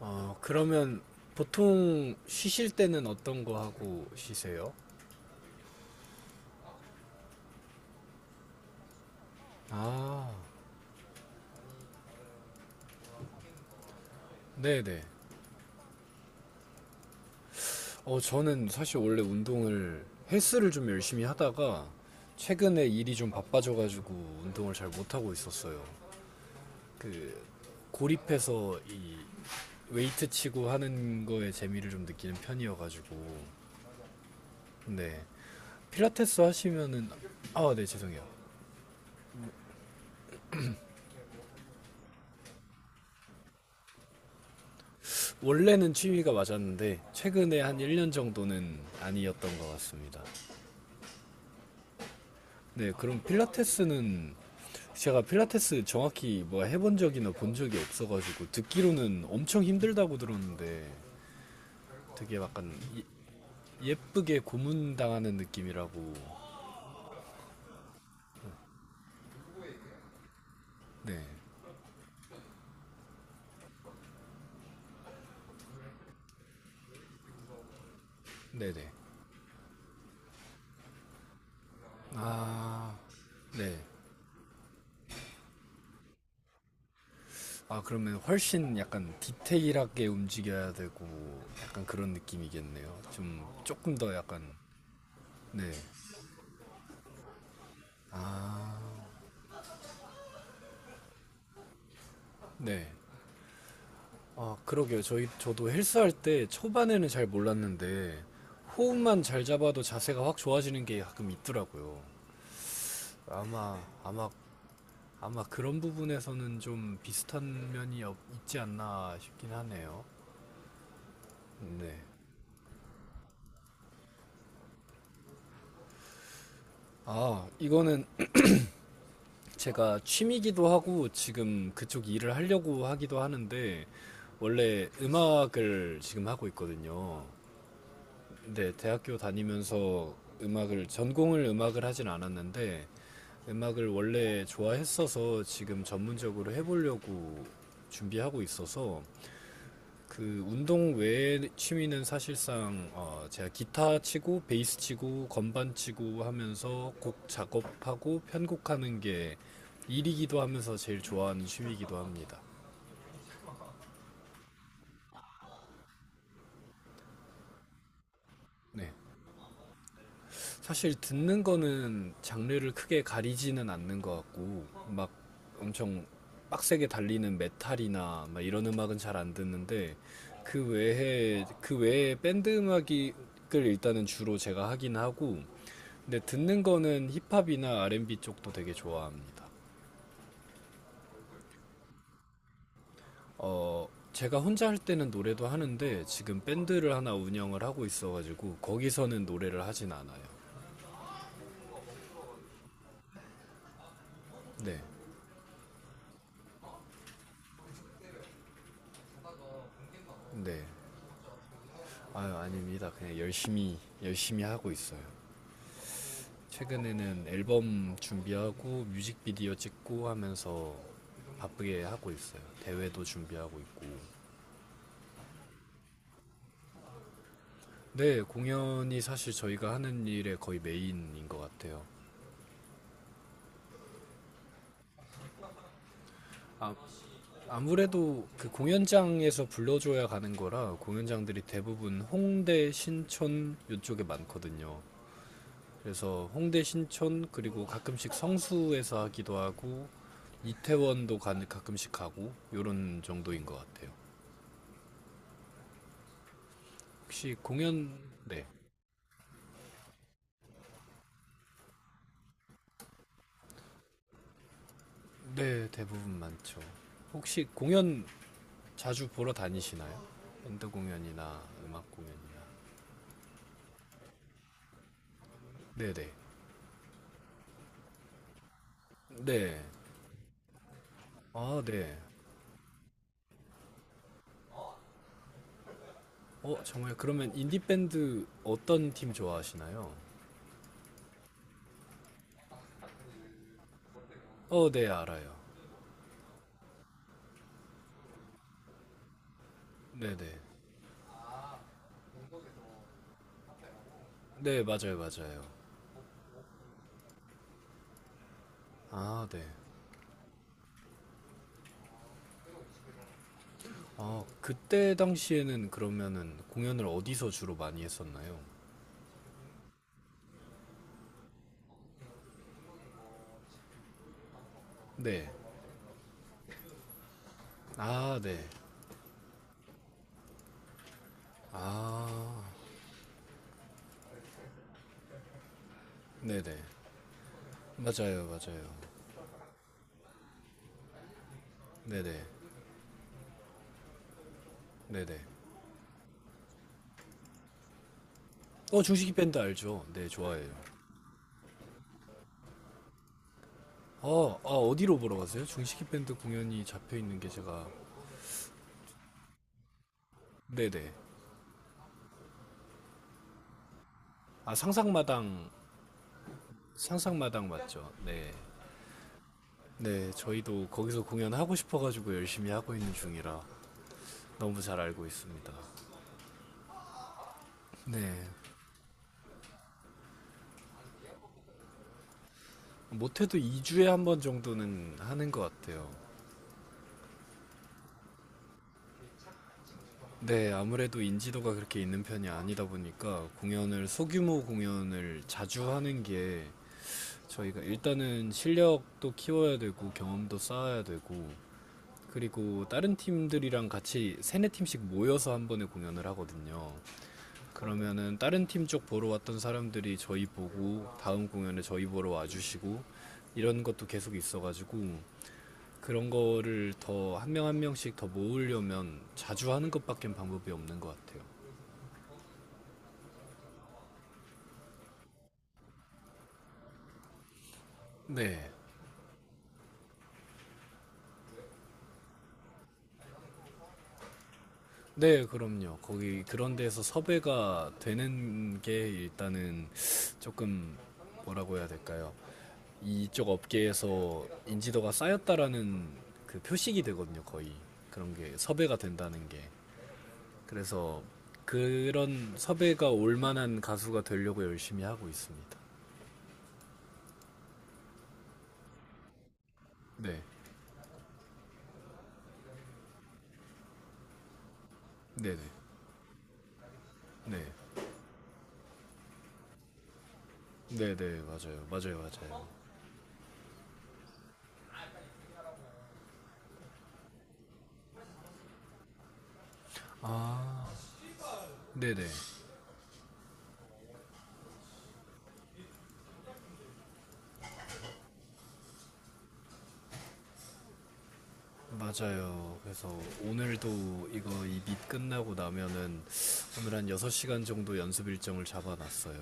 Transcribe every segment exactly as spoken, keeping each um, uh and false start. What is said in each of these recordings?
어, 그러면 보통 쉬실 때는 어떤 거 하고 쉬세요? 아, 네네. 어, 저는 사실 원래 운동을, 헬스를 좀 열심히 하다가 최근에 일이 좀 바빠져가지고 운동을 잘 못하고 있었어요. 그, 고립해서 이 웨이트 치고 하는 거에 재미를 좀 느끼는 편이어가지고. 네. 필라테스 하시면은, 아, 네, 죄송해요. 원래는 취미가 맞았는데 최근에 한 일 년 정도는 아니었던 것 같습니다. 네, 그럼 필라테스는 제가 필라테스 정확히 뭐 해본 적이나 본 적이 없어가지고 듣기로는 엄청 힘들다고 들었는데 되게 약간 예- 예쁘게 고문당하는 느낌이라고. 네, 네네. 아, 네. 아, 그러면 훨씬 약간 디테일하게 움직여야 되고 약간 그런 느낌이겠네요. 좀 조금 더 약간. 네. 아, 네. 아, 그러게요. 저희, 저도 헬스할 때 초반에는 잘 몰랐는데, 호흡만 잘 잡아도 자세가 확 좋아지는 게 가끔 있더라고요. 아마, 아마, 아마 그런 부분에서는 좀 비슷한 면이 없- 있지 않나 싶긴 하네요. 네. 아, 이거는 제가 취미기도 하고 지금 그쪽 일을 하려고 하기도 하는데, 원래 음악을 지금 하고 있거든요. 네, 대학교 다니면서 음악을 전공을 음악을 하진 않았는데 음악을 원래 좋아했어서 지금 전문적으로 해보려고 준비하고 있어서 그 운동 외의 취미는 사실상 어, 제가 기타 치고 베이스 치고 건반 치고 하면서 곡 작업하고 편곡하는 게 일이기도 하면서 제일 좋아하는 취미이기도 합니다. 네. 사실 듣는 거는 장르를 크게 가리지는 않는 것 같고 막 엄청 빡세게 달리는 메탈이나 막 이런 음악은 잘 안 듣는데 그 외에 그 외에 밴드 음악을 일단은 주로 제가 하긴 하고 근데 듣는 거는 힙합이나 알앤비 쪽도 되게 좋아합니다. 어, 제가 혼자 할 때는 노래도 하는데 지금 밴드를 하나 운영을 하고 있어가지고 거기서는 노래를 하진 않아요. 네, 네. 아유, 아닙니다. 그냥 열심히, 열심히 하고 있어요. 최근에는 앨범 준비하고 뮤직비디오 찍고 하면서 바쁘게 하고 있어요. 대회도 준비하고 있고. 네, 공연이 사실 저희가 하는 일의 거의 메인인 것 같아요. 아, 아무래도 그 공연장에서 불러줘야 가는 거라 공연장들이 대부분 홍대, 신촌 이쪽에 많거든요. 그래서 홍대 신촌 그리고 가끔씩 성수에서 하기도 하고 이태원도 가, 가끔씩 가고 요런 정도인 것 같아요. 혹시 공연 네. 네, 대부분 많죠. 혹시 공연 자주 보러 다니시나요? 밴드 공연이나 음악 공연이나. 네, 네. 네. 아, 네. 어, 정말 그러면 인디 밴드 어떤 팀 좋아하시나요? 어, 네, 알아요. 네, 네. 네, 맞아요, 맞아요. 아, 네. 아, 그때 당시에는 그러면은 공연을 어디서 주로 많이 했었나요? 네. 아, 네. 아, 네네. 맞아요, 맞아요. 네네. 네네. 어, 중식이 밴드 알죠? 네, 좋아해요. 어, 아, 어디로 보러 가세요? 중식이 밴드 공연이 잡혀 있는 게 제가. 네네. 아, 상상마당, 상상마당 맞죠? 네. 네, 저희도 거기서 공연하고 싶어가지고 열심히 하고 있는 중이라 너무 잘 알고 있습니다. 네. 못해도 이 주에 한 번 정도는 하는 것 같아요. 네, 아무래도 인지도가 그렇게 있는 편이 아니다 보니까 공연을, 소규모 공연을 자주 하는 게 저희가 일단은 실력도 키워야 되고 경험도 쌓아야 되고 그리고 다른 팀들이랑 같이 세네 팀씩 모여서 한 번에 공연을 하거든요. 그러면은 다른 팀 쪽 보러 왔던 사람들이 저희 보고 다음 공연에 저희 보러 와주시고 이런 것도 계속 있어가지고 그런 거를 더 한 명 한 명씩 더 모으려면 자주 하는 것밖엔 방법이 없는 것 같아요. 네. 네, 그럼요. 거기 그런 데서 섭외가 되는 게 일단은 조금 뭐라고 해야 될까요? 이쪽 업계에서 인지도가 쌓였다라는 그 표식이 되거든요, 거의. 그런 게 섭외가 된다는 게. 그래서 그런 섭외가 올 만한 가수가 되려고 열심히 하고 있습니다. 네. 네네. 네. 네네 맞아요 맞아요 맞아요. 아, 네네 맞아요. 그래서 오늘도 이거 이 밑 끝나고 나면은 오늘 한 여섯 시간 정도 연습 일정을 잡아놨어요.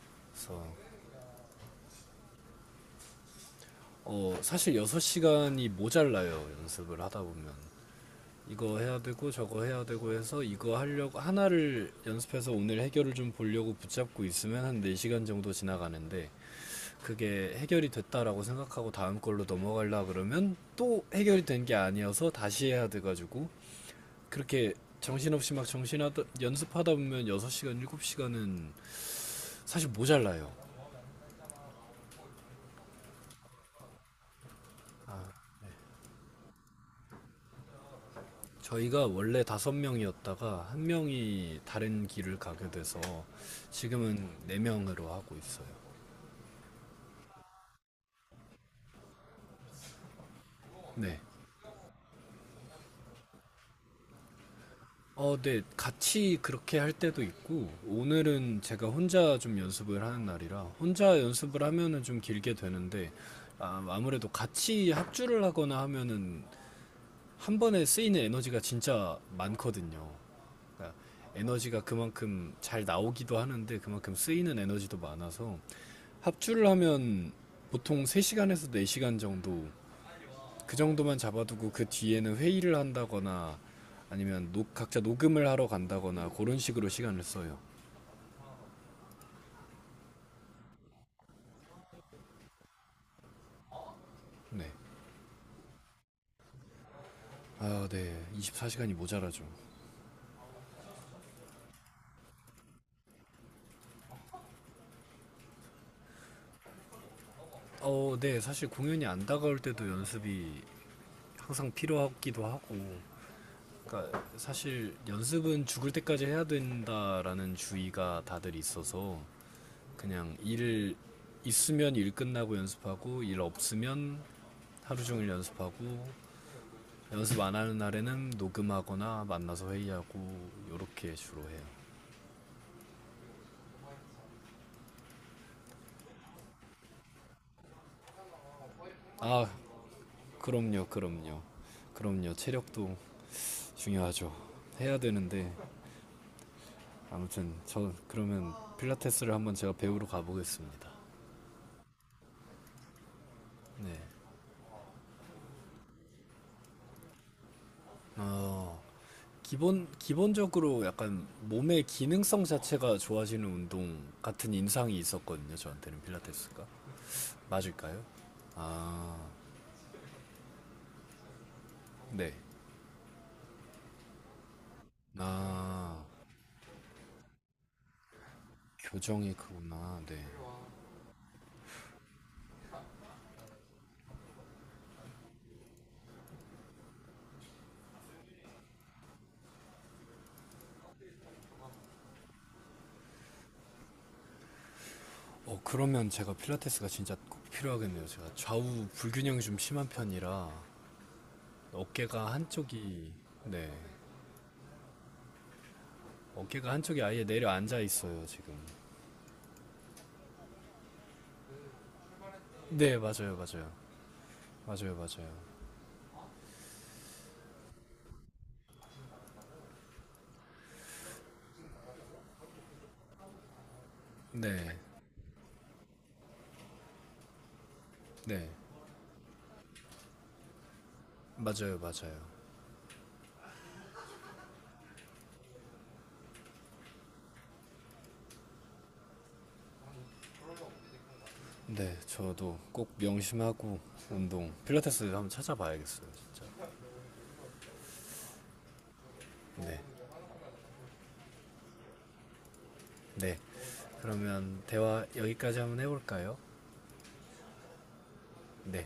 그래서 어 사실 여섯 시간이 모자라요. 연습을 하다 보면 이거 해야 되고 저거 해야 되고 해서 이거 하려고 하나를 연습해서 오늘 해결을 좀 보려고 붙잡고 있으면 한 네 시간 정도 지나가는데 그게 해결이 됐다라고 생각하고 다음 걸로 넘어가려 그러면 또 해결이 된게 아니어서 다시 해야 돼가지고 그렇게 정신없이 막 정신하다 연습하다 보면 여섯 시간, 일곱 시간은 사실 모자라요. 저희가 원래 다섯 명이었다가 한 명이 다른 길을 가게 돼서 지금은 네 명으로 하고 있어요. 네. 어, 네. 같이 그렇게 할 때도 있고, 오늘은 제가 혼자 좀 연습을 하는 날이라, 혼자 연습을 하면은 좀 길게 되는데, 아, 아무래도 같이 합주를 하거나 하면은 한 번에 쓰이는 에너지가 진짜 많거든요. 그러니까 에너지가 그만큼 잘 나오기도 하는데, 그만큼 쓰이는 에너지도 많아서, 합주를 하면 보통 세 시간에서 네 시간 정도 그 정도만 잡아두고 그 뒤에는 회의를 한다거나 아니면 녹- 각자 녹음을 하러 간다거나 그런 식으로 시간을 써요. 네. 아, 네. 이십사 시간이 모자라죠. 어, 네. 사실 공연이 안 다가올 때도 연습이 항상 필요하기도 하고. 그러니까 사실 연습은 죽을 때까지 해야 된다라는 주의가 다들 있어서 그냥 일 있으면 일 끝나고 연습하고 일 없으면 하루 종일 연습하고 연습 안 하는 날에는 녹음하거나 만나서 회의하고 요렇게 주로 해요. 아, 그럼요, 그럼요. 그럼요. 체력도 중요하죠. 해야 되는데 아무튼 저 그러면 필라테스를 한번 제가 배우러 가보겠습니다. 네. 어, 기본 기본적으로 약간 몸의 기능성 자체가 좋아지는 운동 같은 인상이 있었거든요. 저한테는 필라테스가 맞을까요? 아, 네. 아, 교정이 그구나. 네. 어, 그러면 제가 필라테스가 진짜 꼭 필요하겠네요. 제가 좌우 불균형이 좀 심한 편이라 어깨가 한쪽이 네. 어깨가 한쪽이 아예 내려앉아 있어요, 지금. 네, 맞아요, 맞아요. 맞아요, 맞아요. 네. 네. 맞아요, 맞아요. 네, 저도 꼭 명심하고 운동 필라테스 한번 찾아봐야겠어요, 진짜. 네. 네. 그러면 대화 여기까지 한번 해볼까요? 네.